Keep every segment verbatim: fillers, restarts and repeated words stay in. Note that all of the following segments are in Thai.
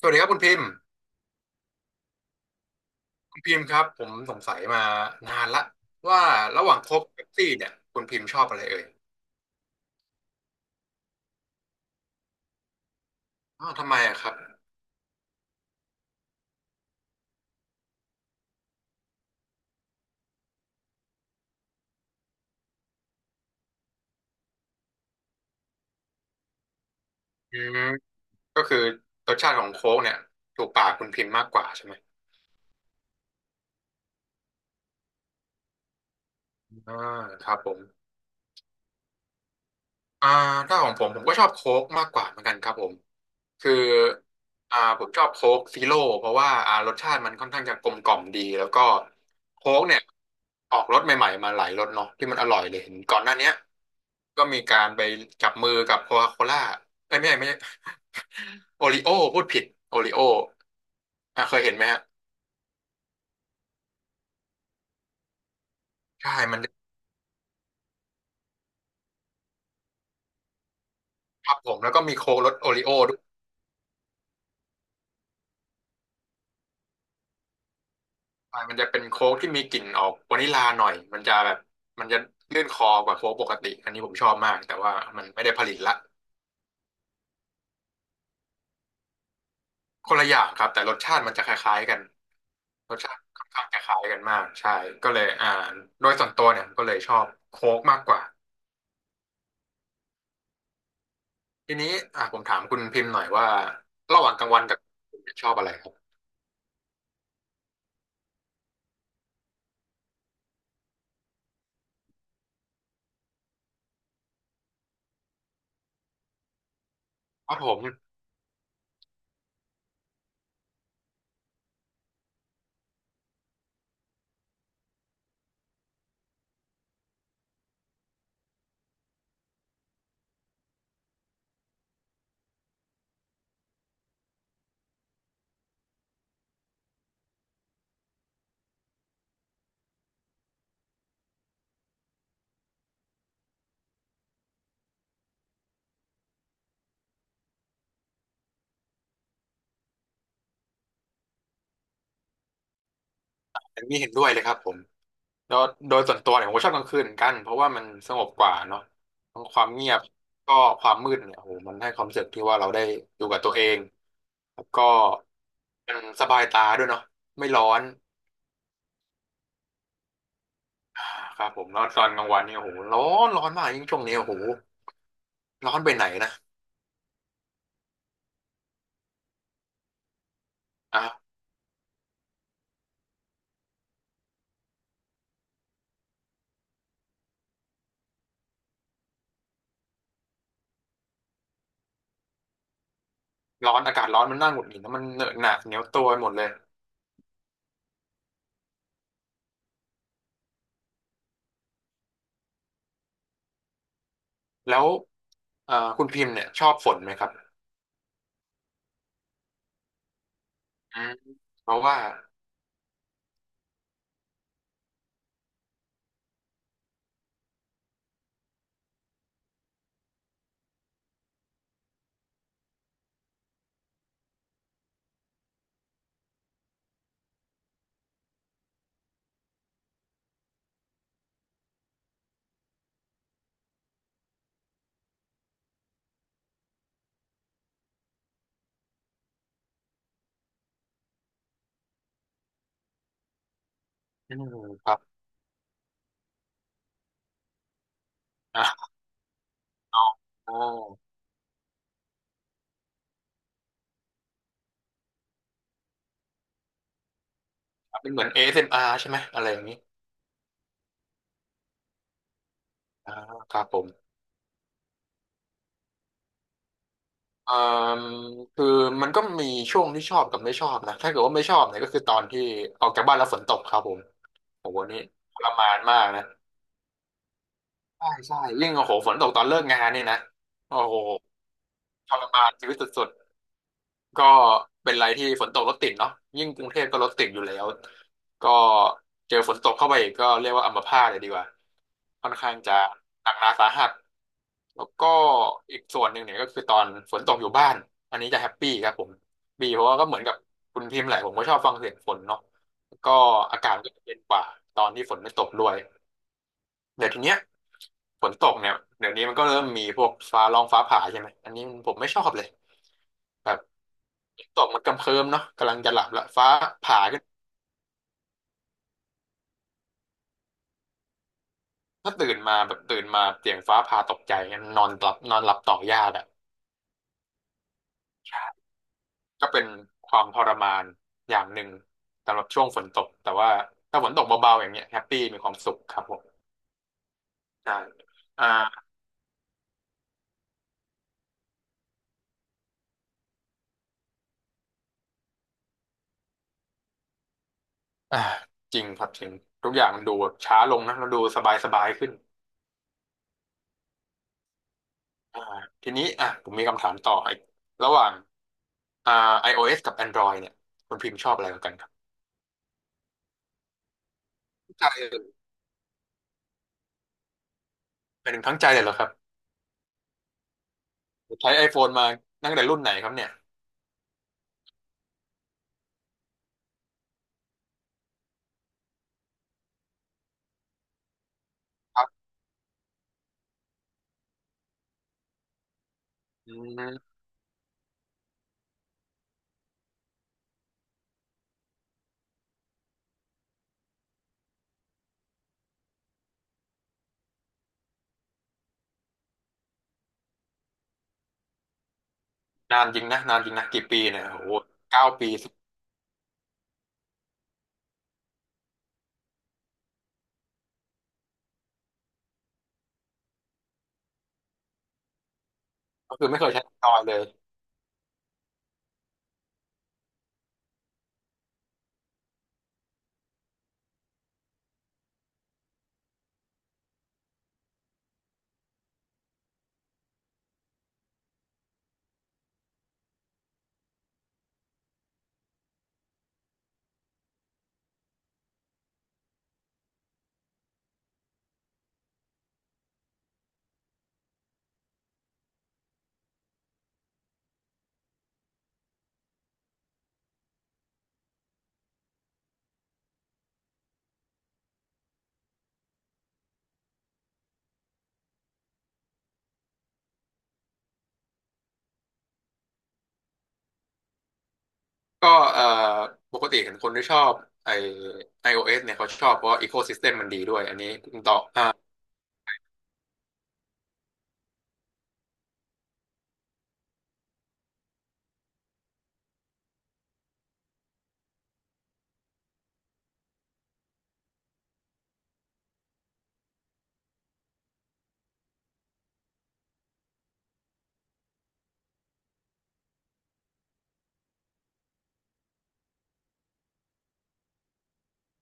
สวัสดีครับคุณพิมพ์คุณพิมพ์ครับผมสงสัยมานานละว่าระหว่างโค้กเป๊ปซี่เนี่ยคุณพิมพ์ชอบอะไรเอ่ยอ้าวทำไมอะครับอืมก็คือรสชาติของโค้กเนี่ยถูกปากคุณพิมพ์มากกว่าใช่ไหมอ่าครับผมอ่าถ้าของผมผมก็ชอบโค้กมากกว่าเหมือนกันครับผม คืออ่าผมชอบโค้กซีโร่เพราะว่าอ่ารสชาติมันค่อนข้างจะกลมกล่อมดีแล้วก็โค้กเนี่ยออกรสใหม่ๆมาหลายรสเนาะที่มันอร่อยเลยเห็นก่อนหน้าเนี้ยก็มีการไปจับมือกับโคคาโคล่าเอ้ยไม่ใช่ไม่ใช่ โอริโอพูดผิดโอริโออ่ะเคยเห็นไหมฮะใช่มันทับผมแล้วก็มีโค้กรสโอริโอด้วยใช่มันจะเป็นโค้กที่มีกลิ่นออกวานิลลาหน่อยมันจะแบบมันจะลื่นคอกว่าโค้กปกติอันนี้ผมชอบมากแต่ว่ามันไม่ได้ผลิตละ คนละอย่างครับแต่รสชาติมันจะคล้ายๆกันรสชาติค่อนข้างจะคล้ายกันมากใช่ก็เลยอ่าโดยส่วนตัวเนี่ยก็เลยชอบโค้กมากกว่าทีนี้อ่าผมถามคุณพิมพ์หน่อยว่าระหว่างกลางวันกับคุณชอบอะไรครับครับผมอันนี้เห็นด้วยเลยครับผมแล้วโดยส่วนตัวเนี่ยผมก็ชอบกลางคืนเหมือนกันเพราะว่ามันสงบกว่าเนาะทั้งความเงียบก็ความมืดเนี่ยโอ้โหมันให้ความรู้สึกที่ว่าเราได้อยู่กับตัวเองแล้วก็มันสบายตาด้วยเนาะไม่ร้อน ครับผมแล้วตอนกลางวันเนี่ยโอ้โหร้อนร้อนมากยิ่งช่วงนี้โอ้โหร้อนไปไหนนะอ่ะร้อนอากาศร้อนมันน่าหงุดหงิดนะมันเหนอะหนะเหนียวตัวไปหมดเลยแล้วเอ่อคุณพิมพ์เนี่ยชอบฝนไหมครับอืมเพราะว่าอืมครับอ่ะอ๋ออ๋อเป็นเหมือน a า m r ใช่ไหมอะไรอย่างนี้อ่าครับผมเอ่อคือมันก็มีช่วงที่ชอบกับไม่ชอบนะถ้าเกิดว่าไม่ชอบเนี่ยก็คือตอนที่ออกจากบ้านแล้วฝนตกครับผมโอ้โหนี่ทรมานมากนะ ใช่ใช่ยิ่งโอ้โหฝนตกตอนเลิกงานเนี่ยนะโอ้โหทรมานชีวิตสุดๆก็เป็นไรที่ฝนตกรถติดเนาะยิ่งกรุงเทพก็รถติดอยู่แล้วก็เจอฝนตกเข้าไปอีกก็เรียกว่าอัมพาตเลยดีกว่าค่อนข้างจะหนักหนาสาหัสแล้วก็อีกส่วนหนึ่งเนี่ยก็คือตอนฝนตกอยู่บ้านอันนี้จะแฮปปี้ครับผมบีเพราะว่าก็เหมือนกับคุณพิมพ์แหละผมก็ชอบฟังเสียงฝนเนาะแล้วก็อากาศก็จะเย็นกว่าตอนที่ฝนไม่ตกด้วย เดี๋ยวทีเนี้ยฝนตกเนี่ยเดี๋ยวนี้มันก็เริ่มมีพวกฟ้าร้องฟ้าผ่าใช่ไหมอันนี้ผมไม่ชอบเลยแบบตกมันกำเคิมเนาะกำลังจะหลับละฟ้าผ่าขึ้นถ้าตื่นมาแบบตื่นมาเสียงฟ้าผ่าตกใจงั้นนอนหลับนอนหลับต่อยากอะก็เป็นความทรมานอย่างหนึ่งสำหรับช่วงฝนตกแต่ว่าถ้าฝนตกเบาๆอย่างเงี้ยแฮปปี้มีความสุขครับผมใช่อ่าอ่าจริงครับจริงทุกอย่างมันดูแบบช้าลงนะมันดูสบายๆขึ้น อ่าทีนี้อ่ะผมมีคำถามต่ออีกระหว่างอ่า iOS กับ แอนดรอยด์ เนี่ยคุณพิมพ์ชอบอะไรกว่ากันครับทั้งใจเลยเป็นหนึ่งทั้งใจเลยเหรอครับใช้ iPhone มาตั้งแต่รุ่นไหนครับเนี่ยครับอืมนานจริงนะนานจริงนะกี่ปีเนี่ยโอ้โหเก้าปีสิบก็คือไม่เคยใช้ Android เลยก็เอ่อปกติเห็นคนที่ชอบไอ iOS เนี่ยเขาชอบเพราะอีโ อีโคซิสเต็ม มมันดีด้วยอันนี้คุณต่ออ่า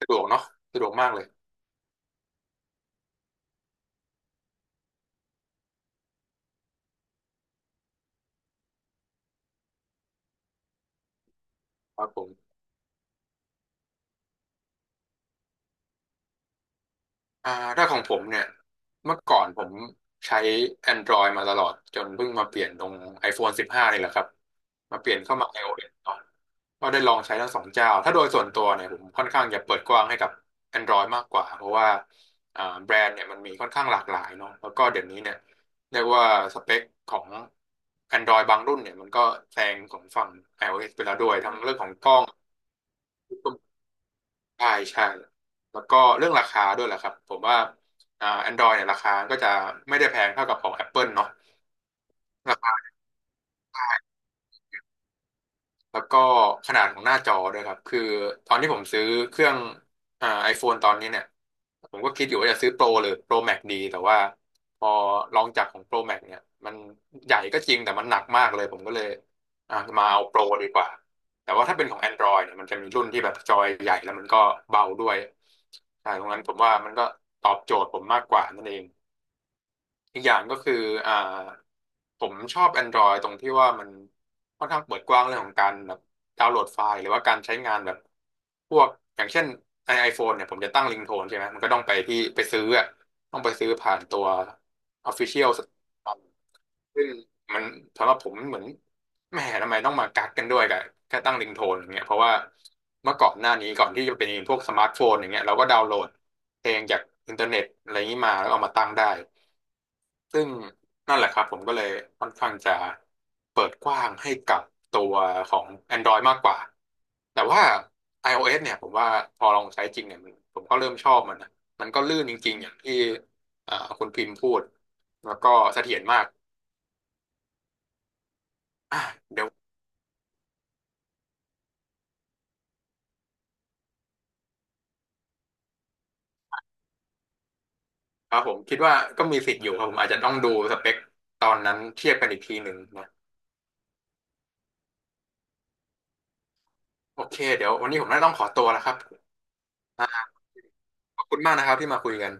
สะดวกเนาะสะดวกมากเลยครับผม อ่าถ้าของผมเนี่ยเมื่อก่อนผมใช้ Android มาตลอดจนเพิ่งมาเปลี่ยนตรง iPhone สิบห้านี่แหละครับมาเปลี่ยนเข้ามา iOS ก่อนก็ได้ลองใช้ทั้งสองเจ้าถ้าโดยส่วนตัวเนี่ยผมค่อนข้างจะเปิดกว้างให้กับ Android มากกว่าเพราะว่าอ่าแบรนด์เนี่ยมันมีค่อนข้างหลากหลายเนาะแล้วก็เดี๋ยวนี้เนี่ยเรียกว่าสเปคของ Android บางรุ่นเนี่ยมันก็แซงของฝั่ง iOS ไปแล้วด้วยทั้งเรื่องของกล้อง ใช่ใช่แล้วก็เรื่องราคาด้วยแหละครับผมว่าอ่า Android เนี่ยราคาก็จะไม่ได้แพงเท่ากับของ แอปเปิล เนาะ แล้วก็ขนาดของหน้าจอด้วยครับคือตอนที่ผมซื้อเครื่องอ่าไอโฟนตอนนี้เนี่ยผมก็คิดอยู่ว่าจะซื้อโปรหรือโปรแม็กดีแต่ว่าพอลองจากของโปรแม็กเนี่ยมันใหญ่ก็จริงแต่มันหนักมากเลยผมก็เลยอ่ะมาเอาโปรดีกว่าแต่ว่าถ้าเป็นของ Android เนี่ยมันจะมีรุ่นที่แบบจอยใหญ่แล้วมันก็เบาด้วยใช่ตรงนั้นผมว่ามันก็ตอบโจทย์ผมมากกว่านั่นเอง อีกอย่างก็คืออ่าผมชอบ Android ตรงที่ว่ามันค่อนข้างเปิดกว้างเรื่องของการแบบดาวน์โหลดไฟล์หรือว่าการใช้งานแบบพวกอย่างเช่นไอไอโฟนเนี่ยผมจะตั้งลิงโทนใช่ไหมมันก็ต้องไปที่ไปซื้ออะต้องไปซื้อผ่านตัว Official Store ซึ่งมันสำหรับผมเหมือนแหมทำไมต้องมากักกันด้วยกับแค่ตั้งลิงโทนอย่างเงี้ยเพราะว่าเมื่อก่อนหน้านี้ก่อนที่จะเป็นพวกสมาร์ทโฟนอย่างเงี้ยเราก็ดาวน์โหลดเพลงจากอินเทอร์เน็ตอะไรนี้มาแล้วเอามาตั้งได้ ซึ่งนั่นแหละครับผมก็เลยค่อนข้างจะเปิดกว้างให้กับตัวของ Android มากกว่าแต่ว่า iOS เนี่ยผมว่าพอลองใช้จริงเนี่ยมันผมก็เริ่มชอบมันนะมันก็ลื่นจริงๆอย่างที่อ่าคุณพิมพ์พูดแล้วก็เสถียรมากอ่ะเดี๋ยวครับผมคิดว่าก็มีสิทธิ์อยู่ครับผมอาจจะต้องดูสเปคตอนนั้นเทียบกันอีกทีหนึ่งนะโอเคเดี๋ยววันนี้ผมน่าจะต้องขอตัวแล้วครับอ่ะขอบคุณมากนะครับที่มาคุยกัน